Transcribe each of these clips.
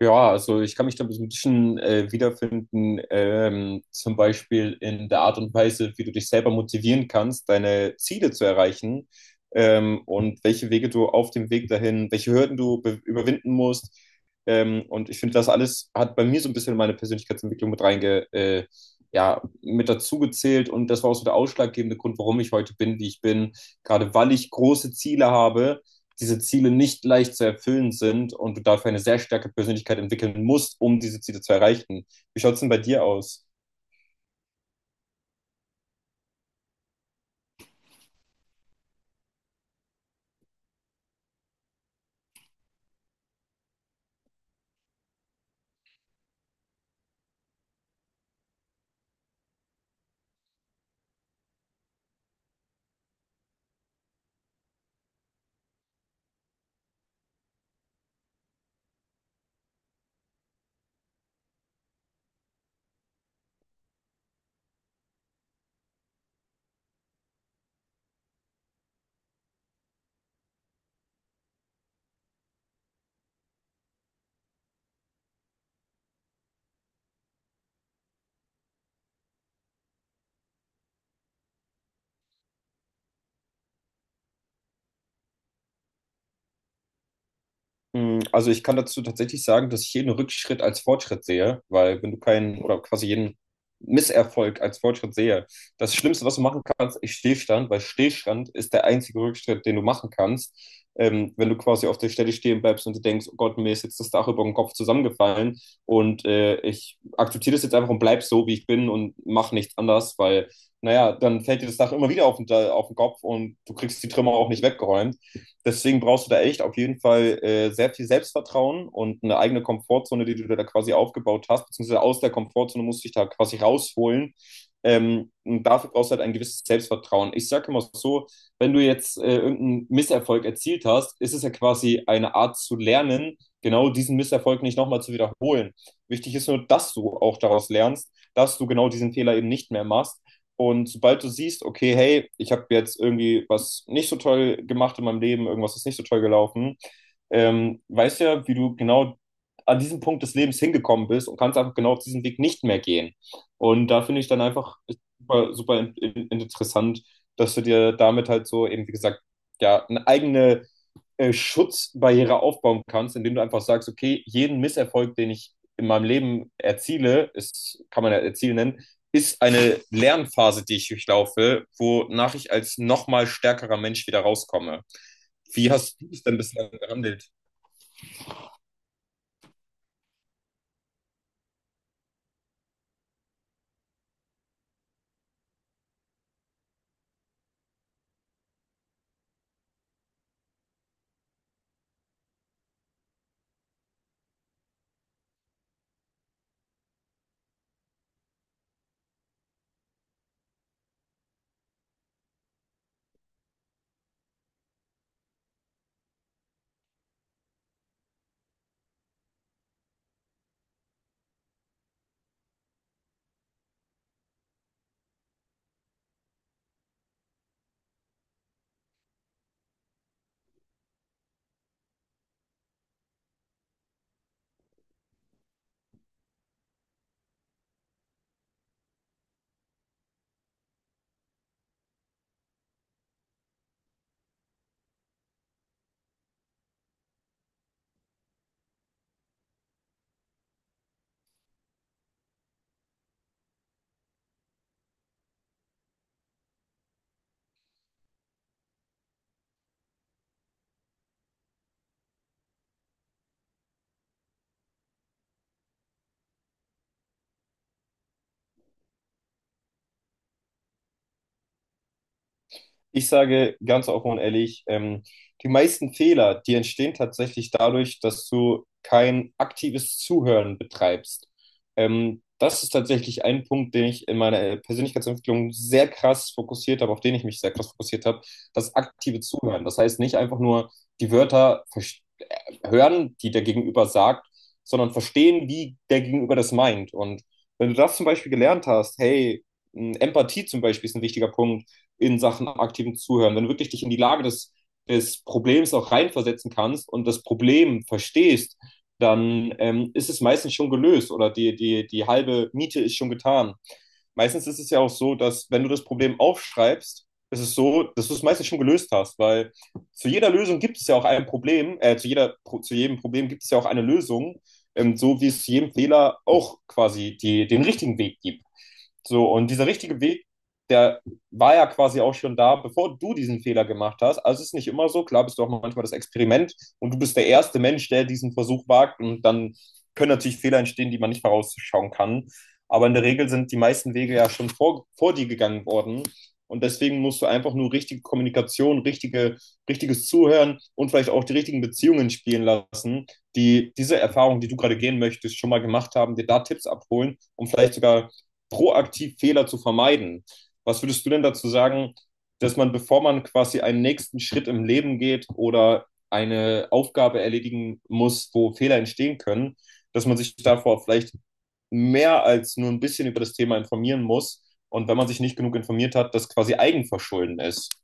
Ja, also ich kann mich da so ein bisschen wiederfinden, zum Beispiel in der Art und Weise, wie du dich selber motivieren kannst, deine Ziele zu erreichen, und welche Wege du auf dem Weg dahin, welche Hürden du überwinden musst. Und ich finde, das alles hat bei mir so ein bisschen meine Persönlichkeitsentwicklung ja, mit dazu gezählt. Und das war auch so der ausschlaggebende Grund, warum ich heute bin, wie ich bin, gerade weil ich große Ziele habe, diese Ziele nicht leicht zu erfüllen sind und du dafür eine sehr starke Persönlichkeit entwickeln musst, um diese Ziele zu erreichen. Wie schaut es denn bei dir aus? Also ich kann dazu tatsächlich sagen, dass ich jeden Rückschritt als Fortschritt sehe, weil wenn du keinen oder quasi jeden Misserfolg als Fortschritt sehe, das Schlimmste, was du machen kannst, ist Stillstand, weil Stillstand ist der einzige Rückschritt, den du machen kannst. Wenn du quasi auf der Stelle stehen bleibst und du denkst, oh Gott, mir ist jetzt das Dach über dem Kopf zusammengefallen und ich akzeptiere das jetzt einfach und bleib so, wie ich bin und mach nichts anders, weil, naja, dann fällt dir das Dach immer wieder auf den Kopf und du kriegst die Trümmer auch nicht weggeräumt. Deswegen brauchst du da echt auf jeden Fall sehr viel Selbstvertrauen und eine eigene Komfortzone, die du da quasi aufgebaut hast, beziehungsweise aus der Komfortzone musst du dich da quasi rausholen. Und dafür brauchst du halt ein gewisses Selbstvertrauen. Ich sage immer so, wenn du jetzt irgendeinen Misserfolg erzielt hast, ist es ja quasi eine Art zu lernen, genau diesen Misserfolg nicht nochmal zu wiederholen. Wichtig ist nur, dass du auch daraus lernst, dass du genau diesen Fehler eben nicht mehr machst und sobald du siehst, okay, hey, ich habe jetzt irgendwie was nicht so toll gemacht in meinem Leben, irgendwas ist nicht so toll gelaufen, weißt ja, wie du genau an diesem Punkt des Lebens hingekommen bist und kannst einfach genau auf diesen Weg nicht mehr gehen. Und da finde ich dann einfach super, super interessant, dass du dir damit halt so eben, wie gesagt, ja, eine eigene Schutzbarriere aufbauen kannst, indem du einfach sagst, okay, jeden Misserfolg, den ich in meinem Leben erziele, ist, kann man ja erzielen nennen, ist eine Lernphase, die ich durchlaufe, wonach ich als nochmal stärkerer Mensch wieder rauskomme. Wie hast du es denn bislang gehandelt? Ich sage ganz offen und ehrlich, die meisten Fehler, die entstehen tatsächlich dadurch, dass du kein aktives Zuhören betreibst. Das ist tatsächlich ein Punkt, den ich in meiner Persönlichkeitsentwicklung sehr krass fokussiert habe, auf den ich mich sehr krass fokussiert habe, das aktive Zuhören. Das heißt nicht einfach nur die Wörter verstehen hören, die der Gegenüber sagt, sondern verstehen, wie der Gegenüber das meint. Und wenn du das zum Beispiel gelernt hast, hey, Empathie zum Beispiel ist ein wichtiger Punkt in Sachen aktiven Zuhören, wenn du wirklich dich in die Lage des, des Problems auch reinversetzen kannst und das Problem verstehst, dann ist es meistens schon gelöst oder die halbe Miete ist schon getan. Meistens ist es ja auch so, dass wenn du das Problem aufschreibst, ist es so, dass du es meistens schon gelöst hast, weil zu jeder Lösung gibt es ja auch ein Problem, zu jedem Problem gibt es ja auch eine Lösung, so wie es zu jedem Fehler auch quasi die, den richtigen Weg gibt. So, und dieser richtige Weg, der war ja quasi auch schon da, bevor du diesen Fehler gemacht hast. Also es ist nicht immer so, klar bist du auch manchmal das Experiment und du bist der erste Mensch, der diesen Versuch wagt und dann können natürlich Fehler entstehen, die man nicht vorausschauen kann. Aber in der Regel sind die meisten Wege ja schon vor dir gegangen worden. Und deswegen musst du einfach nur richtige Kommunikation, richtiges Zuhören und vielleicht auch die richtigen Beziehungen spielen lassen, die diese Erfahrung, die du gerade gehen möchtest, schon mal gemacht haben, dir da Tipps abholen, um vielleicht sogar proaktiv Fehler zu vermeiden. Was würdest du denn dazu sagen, dass man, bevor man quasi einen nächsten Schritt im Leben geht oder eine Aufgabe erledigen muss, wo Fehler entstehen können, dass man sich davor vielleicht mehr als nur ein bisschen über das Thema informieren muss und wenn man sich nicht genug informiert hat, das quasi Eigenverschulden ist?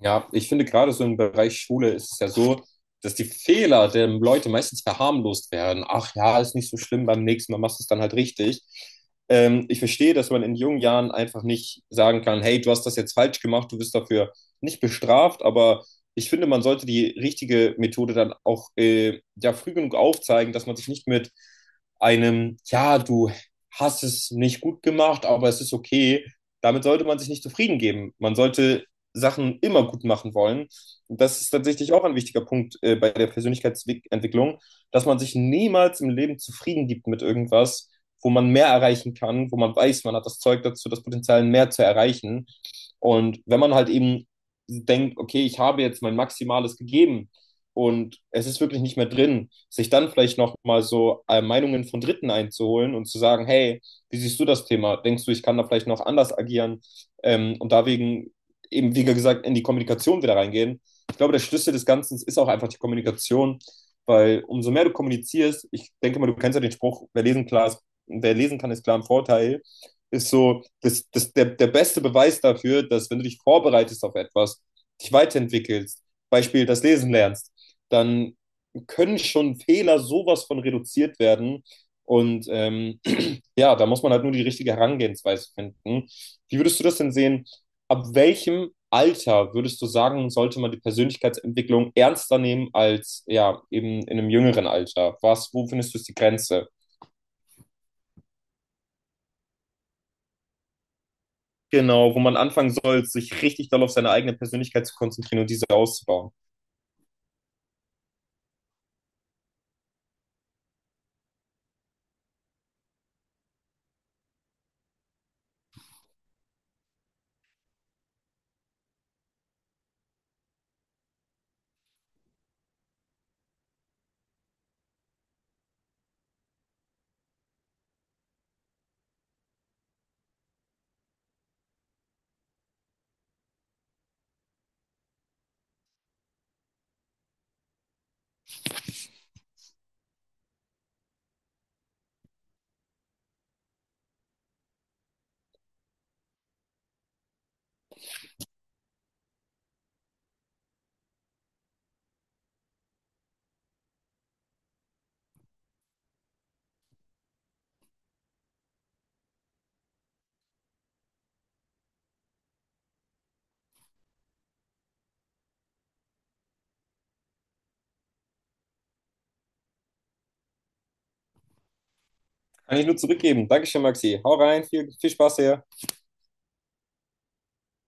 Ja, ich finde gerade so im Bereich Schule ist es ja so, dass die Fehler der Leute meistens verharmlost werden. Ach ja, ist nicht so schlimm, beim nächsten Mal machst du es dann halt richtig. Ich verstehe, dass man in jungen Jahren einfach nicht sagen kann, hey, du hast das jetzt falsch gemacht, du wirst dafür nicht bestraft, aber ich finde, man sollte die richtige Methode dann auch ja, früh genug aufzeigen, dass man sich nicht mit einem, ja, du hast es nicht gut gemacht, aber es ist okay, damit sollte man sich nicht zufrieden geben. Man sollte Sachen immer gut machen wollen. Das ist tatsächlich auch ein wichtiger Punkt bei der Persönlichkeitsentwicklung, dass man sich niemals im Leben zufrieden gibt mit irgendwas, wo man mehr erreichen kann, wo man weiß, man hat das Zeug dazu, das Potenzial mehr zu erreichen. Und wenn man halt eben denkt, okay, ich habe jetzt mein Maximales gegeben und es ist wirklich nicht mehr drin, sich dann vielleicht nochmal so Meinungen von Dritten einzuholen und zu sagen, hey, wie siehst du das Thema? Denkst du, ich kann da vielleicht noch anders agieren? Und deswegen eben, wie gesagt, in die Kommunikation wieder reingehen. Ich glaube, der Schlüssel des Ganzen ist auch einfach die Kommunikation, weil umso mehr du kommunizierst, ich denke mal, du kennst ja den Spruch, wer lesen kann, ist klar im Vorteil, ist so der beste Beweis dafür, dass wenn du dich vorbereitest auf etwas, dich weiterentwickelst, Beispiel das Lesen lernst, dann können schon Fehler sowas von reduziert werden. Und ja, da muss man halt nur die richtige Herangehensweise finden. Wie würdest du das denn sehen? Ab welchem Alter würdest du sagen, sollte man die Persönlichkeitsentwicklung ernster nehmen als ja eben in einem jüngeren Alter? Was, wo findest du ist die Grenze? Genau, wo man anfangen soll, sich richtig doll auf seine eigene Persönlichkeit zu konzentrieren und diese auszubauen. Kann ich nur zurückgeben. Dankeschön, Maxi. Hau rein, viel, viel Spaß hier.